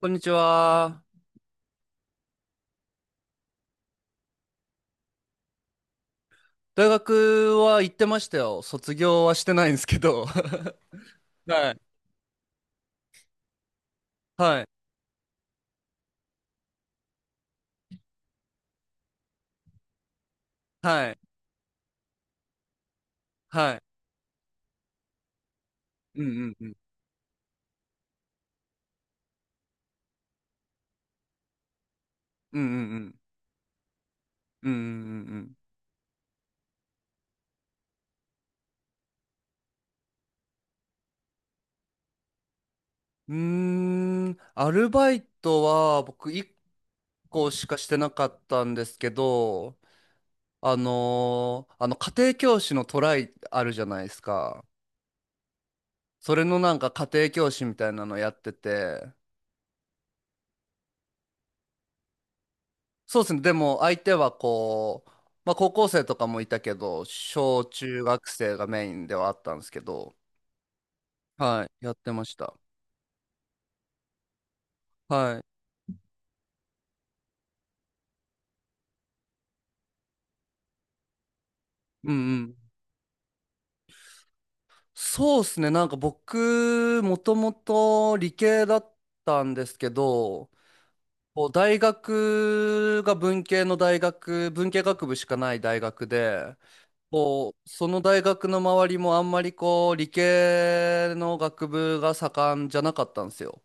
こんにちは。大学は行ってましたよ。卒業はしてないんですけど。はい。はい。はい。はい。うんうんうん。うんうんうん。うんうんうんうん。アルバイトは僕1個しかしてなかったんですけど、あの家庭教師のトライあるじゃないですか。それのなんか家庭教師みたいなのやってて。そうですね。でも相手はこう、まあ高校生とかもいたけど、小中学生がメインではあったんですけど、はい、やってました。はい。うんうん。そうですね。なんか僕、もともと理系だったんですけど、こう大学が文系の大学、文系学部しかない大学で、こう、その大学の周りもあんまりこう、理系の学部が盛んじゃなかったんですよ。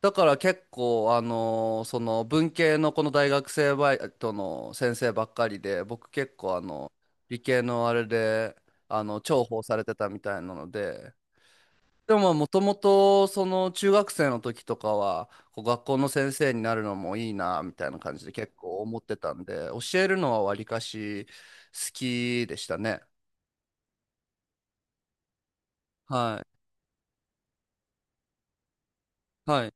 だから結構、その文系のこの大学生バイトの先生ばっかりで、僕結構あの、理系のあれで、あの、重宝されてたみたいなので、でももともと、その中学生の時とかは、こう学校の先生になるのもいいな、みたいな感じで結構思ってたんで、教えるのはわりかし好きでしたね。はい。はい。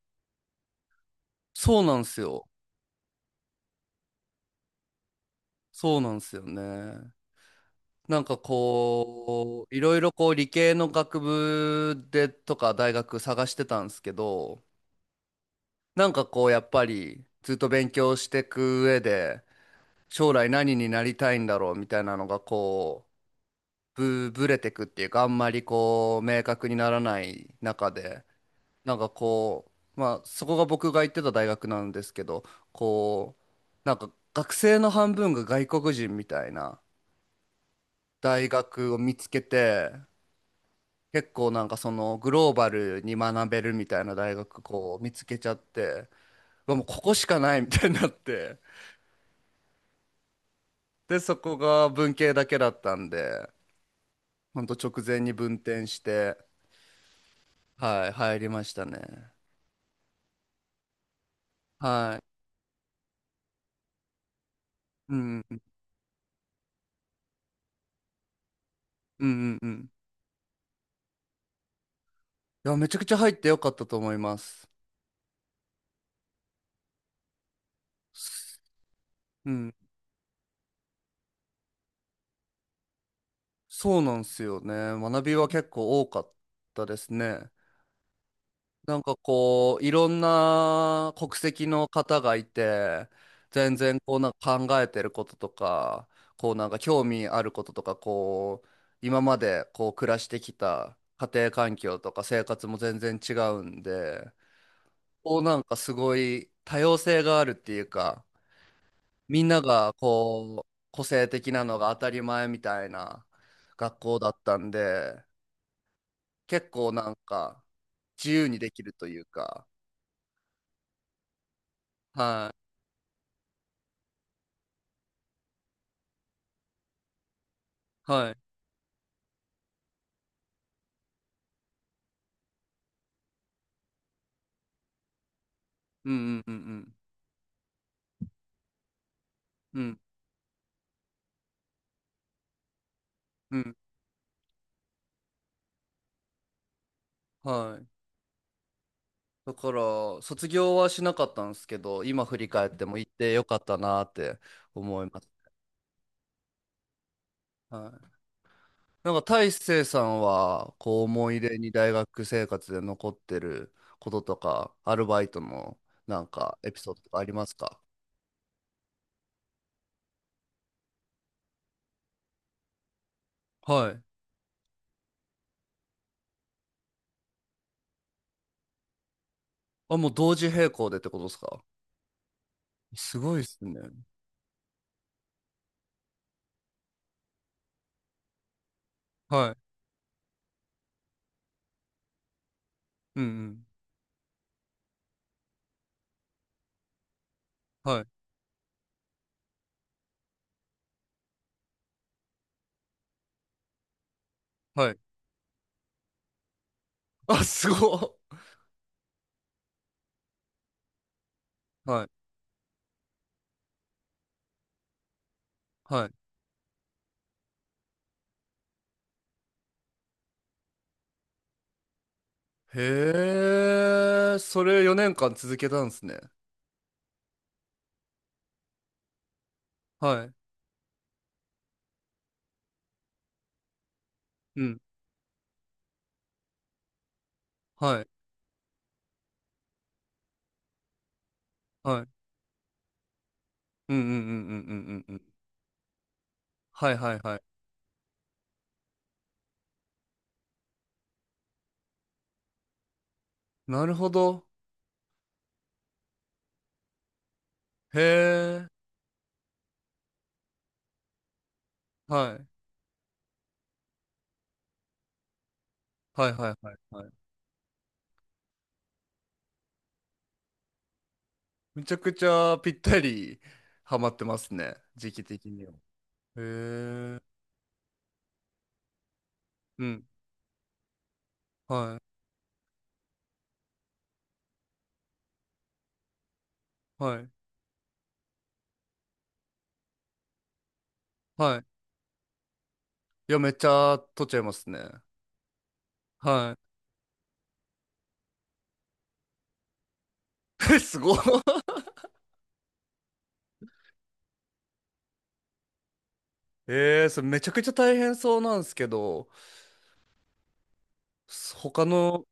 そうなんですよ。そうなんですよね。なんかこう、いろいろこう理系の学部でとか大学探してたんですけど、なんかこうやっぱりずっと勉強していく上で、将来何になりたいんだろうみたいなのがこう、ぶれてくっていうか、あんまりこう、明確にならない中で、なんかこう、まあそこが僕が行ってた大学なんですけど、こう、なんか学生の半分が外国人みたいな大学を見つけて、結構なんかそのグローバルに学べるみたいな大学こう見つけちゃって、うわもうここしかないみたいになって、でそこが文系だけだったんで、ほんと直前に分転して、はい入りましたね。はい。うんうんうんうん。いやめちゃくちゃ入ってよかったと思います。うん。そうなんですよね。学びは結構多かったですね。なんかこう、いろんな国籍の方がいて、全然こうなんか考えてることとか、こうなんか興味あることとか、こう、今までこう暮らしてきた家庭環境とか生活も全然違うんで、こうなんかすごい多様性があるっていうか、みんながこう、個性的なのが当たり前みたいな学校だったんで、結構なんか自由にできるというか、はい。はい。うんうんうんうんうんうん。はい。だから卒業はしなかったんですけど今振り返っても行ってよかったなって思います。はい、なんか大成さんはこう思い出に大学生活で残ってることとかアルバイトのなんかエピソードとかありますか？はいあもう同時並行でってことですか？すごいっすね。はい。うんうん。はい。はい。あ、すごっ。はい。はい。へえ、それ4年間続けたんですね。はい。うん。はい。はい。うんうんうんうんうんうんうん。はいはいはい。なるほど。へえ。はい。はいはいはいはい。めちゃくちゃぴったりハマってますね。時期的には。へえ。うん。はい。はい。はい。いや、めっちゃ取っちゃいますね。はい。え、すごい。ええ、それめちゃくちゃ大変そうなんですけど、他の、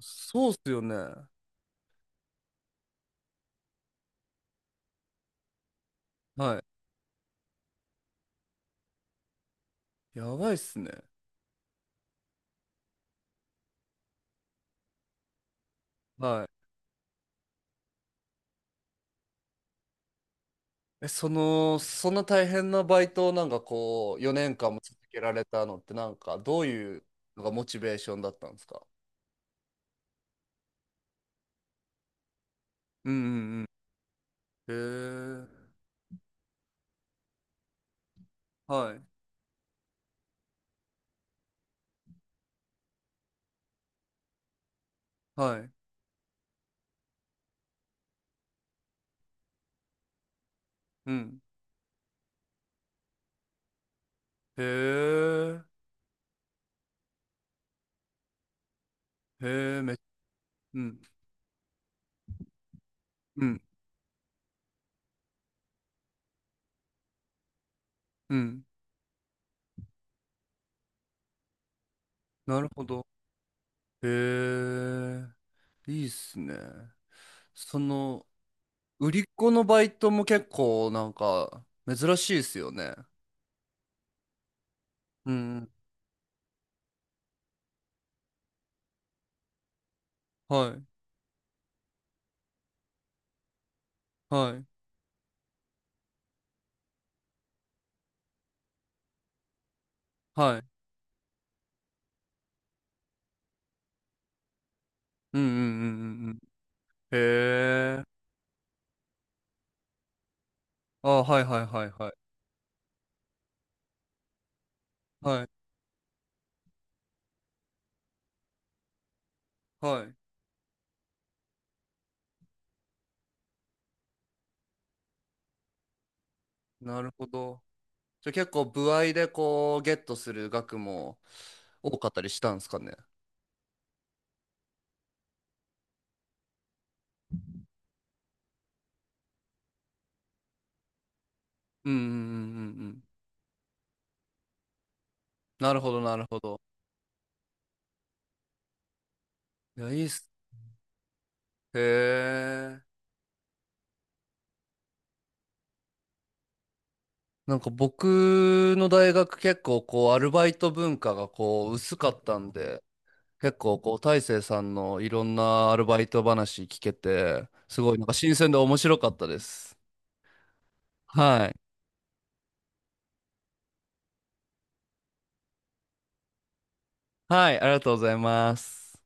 そうっすよね。はい。やばいっすね。はい。え、その、そんな大変なバイトをなんかこう、4年間も続けられたのって、なんかどういうのがモチベーションだったんですか？うんうんうん。へえ。はい。はい。うん。へえ。へえ、め、うん。うん。うん。なるほど。へえ。いいっすね。その、売り子のバイトも結構なんか珍しいっすよね。うんうん。はい。はい。はい。うんうんうんうんうん。へえ。あ、はいはいはいはい。はいはい。なるほど。じゃあ結構歩合でこうゲットする額も多かったりしたんですかね？うんうんうんうんうん。なるほどなるほど。いや、いいっす。へえ。なんか僕の大学結構こうアルバイト文化がこう薄かったんで、結構こう大成さんのいろんなアルバイト話聞けて、すごいなんか新鮮で面白かったです。はい。はい、ありがとうございます。